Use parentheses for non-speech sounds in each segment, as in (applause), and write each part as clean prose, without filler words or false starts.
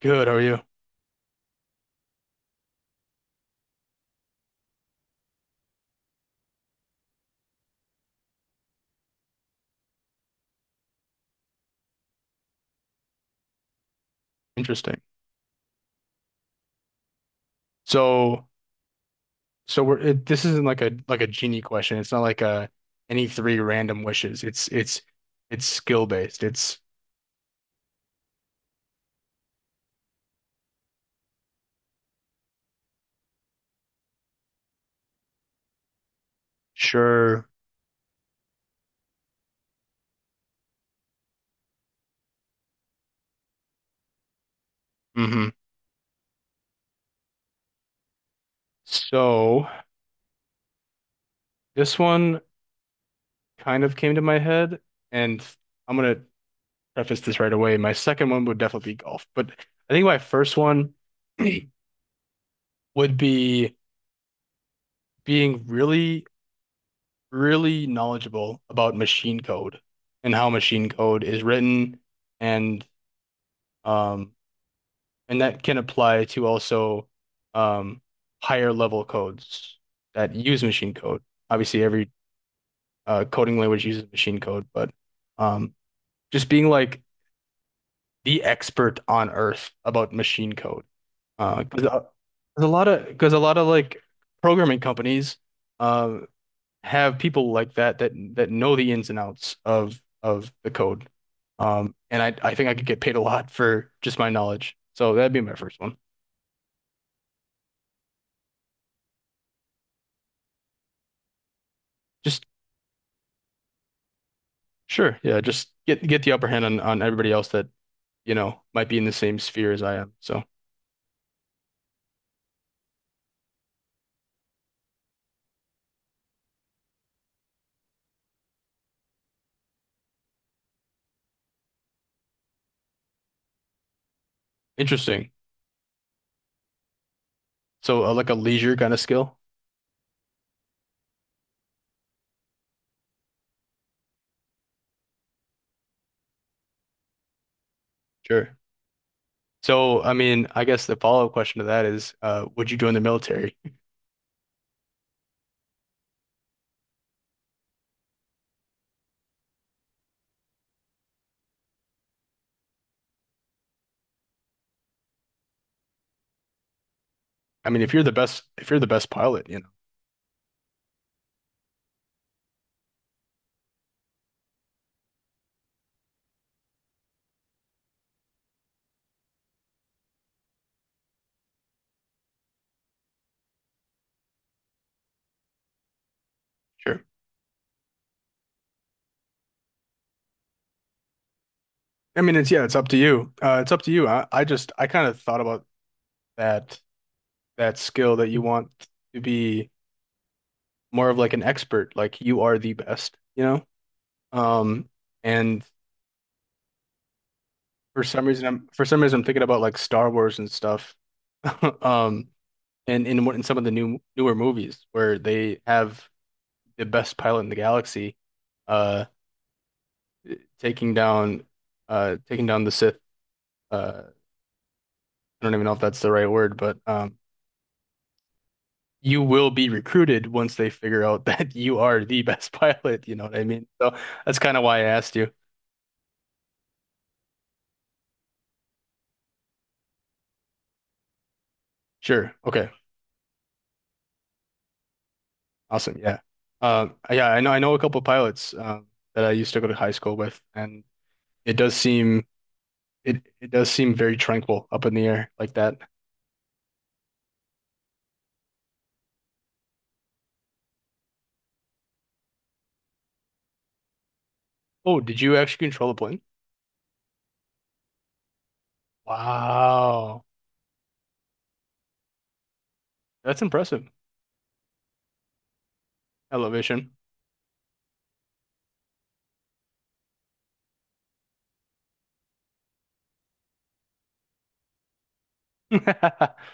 Good, how are you? Interesting. So, this isn't like a genie question. It's not like a any three random wishes. It's skill based. It's Sure. hmm So this one kind of came to my head, and I'm gonna preface this right away. My second one would definitely be golf, but I think my first one (clears throat) would be being really, really knowledgeable about machine code and how machine code is written. And Um, and that can apply to also um, higher level codes that use machine code. Obviously, every coding language uses machine code, but um, just being like the expert on earth about machine code. 'Cause a 'cause a lot of because a lot of like programming companies uh have people like that that know the ins and outs of the code. And I think I could get paid a lot for just my knowledge. So that'd be my first one. Just Sure. Yeah, just get the upper hand on everybody else that might be in the same sphere as I am. So, interesting. So, like a leisure kind of skill? Sure. So, I mean, I guess the follow-up question to that is, would you join the military? I mean, if you're the best, if you're the best pilot. Sure. I mean, it's yeah, it's up to you. It's up to you. I kind of thought about that skill that you want to be more of like an expert, like you are the best, you know? Um, and For some reason, I'm thinking about like Star Wars and stuff, (laughs) um, and in some of the newer movies where they have the best pilot in the galaxy, uh, taking down, taking down the Sith. Uh, I don't even know if that's the right word, but you will be recruited once they figure out (laughs) that you are the best (laughs) pilot. You know what I mean? So that's kind of why I asked you. Sure. Okay. Awesome. Yeah. Yeah. I know. I know a couple pilots that I used to go to high school with, and it does seem it does seem very tranquil up in the air like that. Oh, did you actually control the plane? Wow. That's impressive. Elevation. (laughs)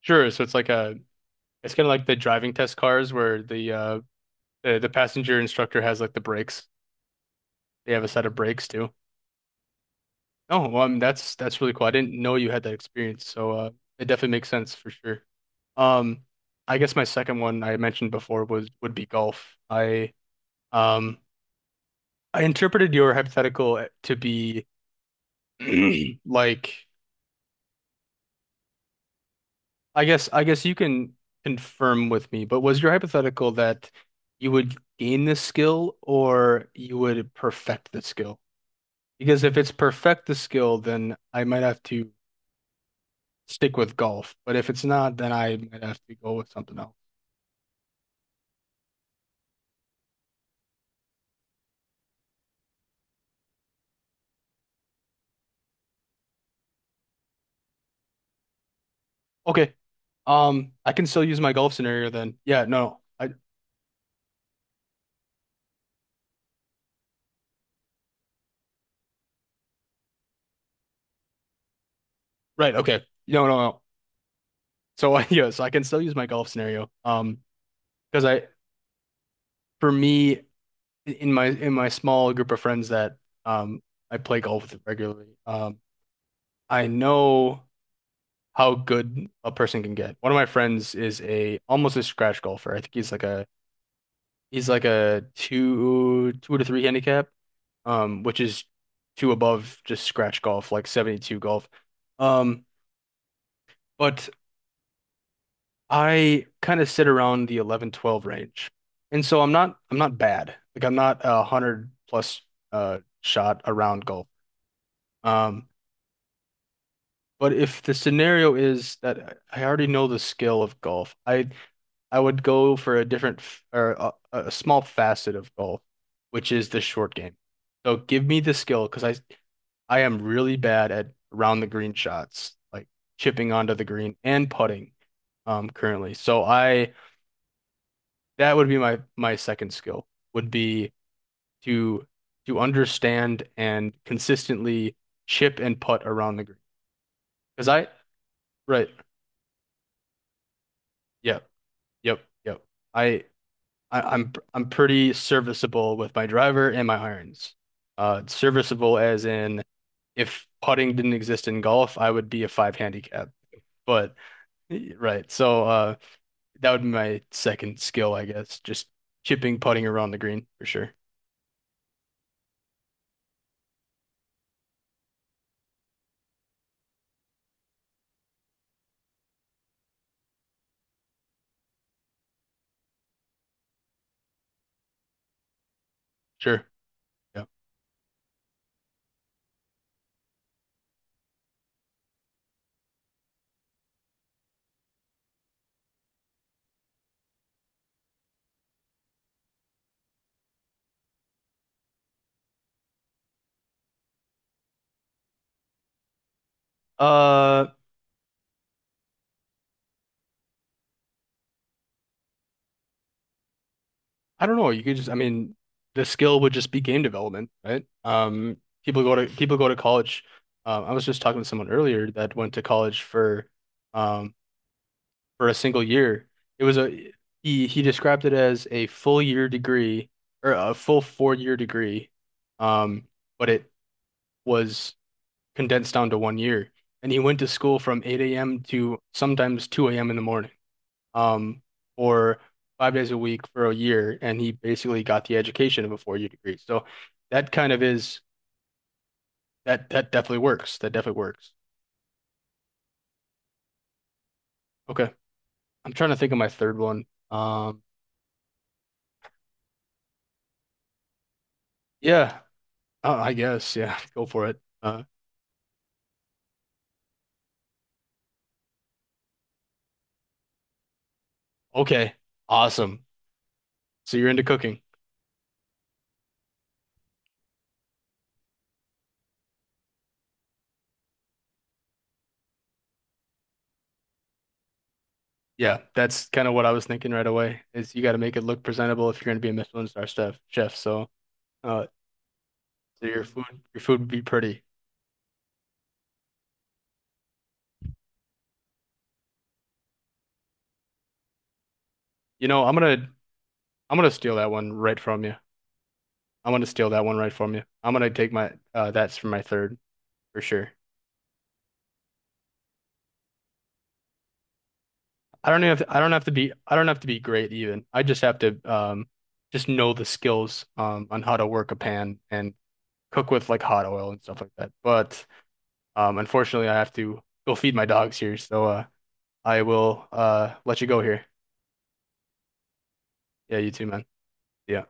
Sure, so it's kind of like the driving test cars where the passenger instructor has like the brakes. They have a set of brakes too. Oh, well, I mean, that's really cool. I didn't know you had that experience, so it definitely makes sense for sure. Um, I guess my second one I mentioned before was would be golf. Um I interpreted your hypothetical to be (clears throat) like, I guess you can confirm with me, but was your hypothetical that you would gain this skill or you would perfect the skill? Because if it's perfect the skill, then I might have to stick with golf. But if it's not, then I might have to go with something else. Okay. I can still use my golf scenario then. Yeah, no. I Right, okay. No, no, no. So (laughs) yes, I can still use my golf scenario. Because I for me in my small group of friends that um I play golf with regularly, I know how good a person can get. One of my friends is a almost a scratch golfer. I think he's like a two to three handicap, which is two above just scratch golf, like 72 golf. Um, but I kind of sit around the 11-12 range. And so I'm not bad. Like I'm not 100 plus shot around golf. Um, But if the scenario is that I already know the skill of golf, I would go for a different f- or a small facet of golf, which is the short game. So give me the skill because I am really bad at around the green shots, like chipping onto the green and putting currently. So I that would be my second skill would be to to understand and consistently chip and putt around the green. Because I Right. Yeah. Yep, yep. I, I'm pretty serviceable with my driver and my irons. Serviceable as in if putting didn't exist in golf, I would be a five handicap. But Right, so that would be my second skill, I guess. Just chipping, putting around the green for sure. Sure. Yeah. Uh, I don't know. You could just, I mean, the skill would just be game development, right? People go to college. I was just talking to someone earlier that went to college um, for a single year. It was a He described it as a full year degree or a full 4-year degree, um, but it was condensed down to one year. And he went to school from 8 a.m. to sometimes 2 a.m. in the morning, um, for 5 days a week for a year, and he basically got the education of a 4-year degree. So that kind of is that that definitely works. That definitely works. Okay, I'm trying to think of my third one. Yeah, I guess yeah, (laughs) go for it. Okay. Awesome. So you're into cooking. Yeah, that's kind of what I was thinking right away is you got to make it look presentable if you're going to be a Michelin star chef. So, uh, so your food would be pretty. You know, I'm gonna, I'm gonna steal that one right from you. I'm gonna steal that one right from you. I'm gonna that's for my third for sure. I don't have to be great even. I just have to, just know the skills, on how to work a pan and cook with like hot oil and stuff like that. But Unfortunately, I have to go feed my dogs here, so I will let you go here. Yeah, you too, man. Yeah.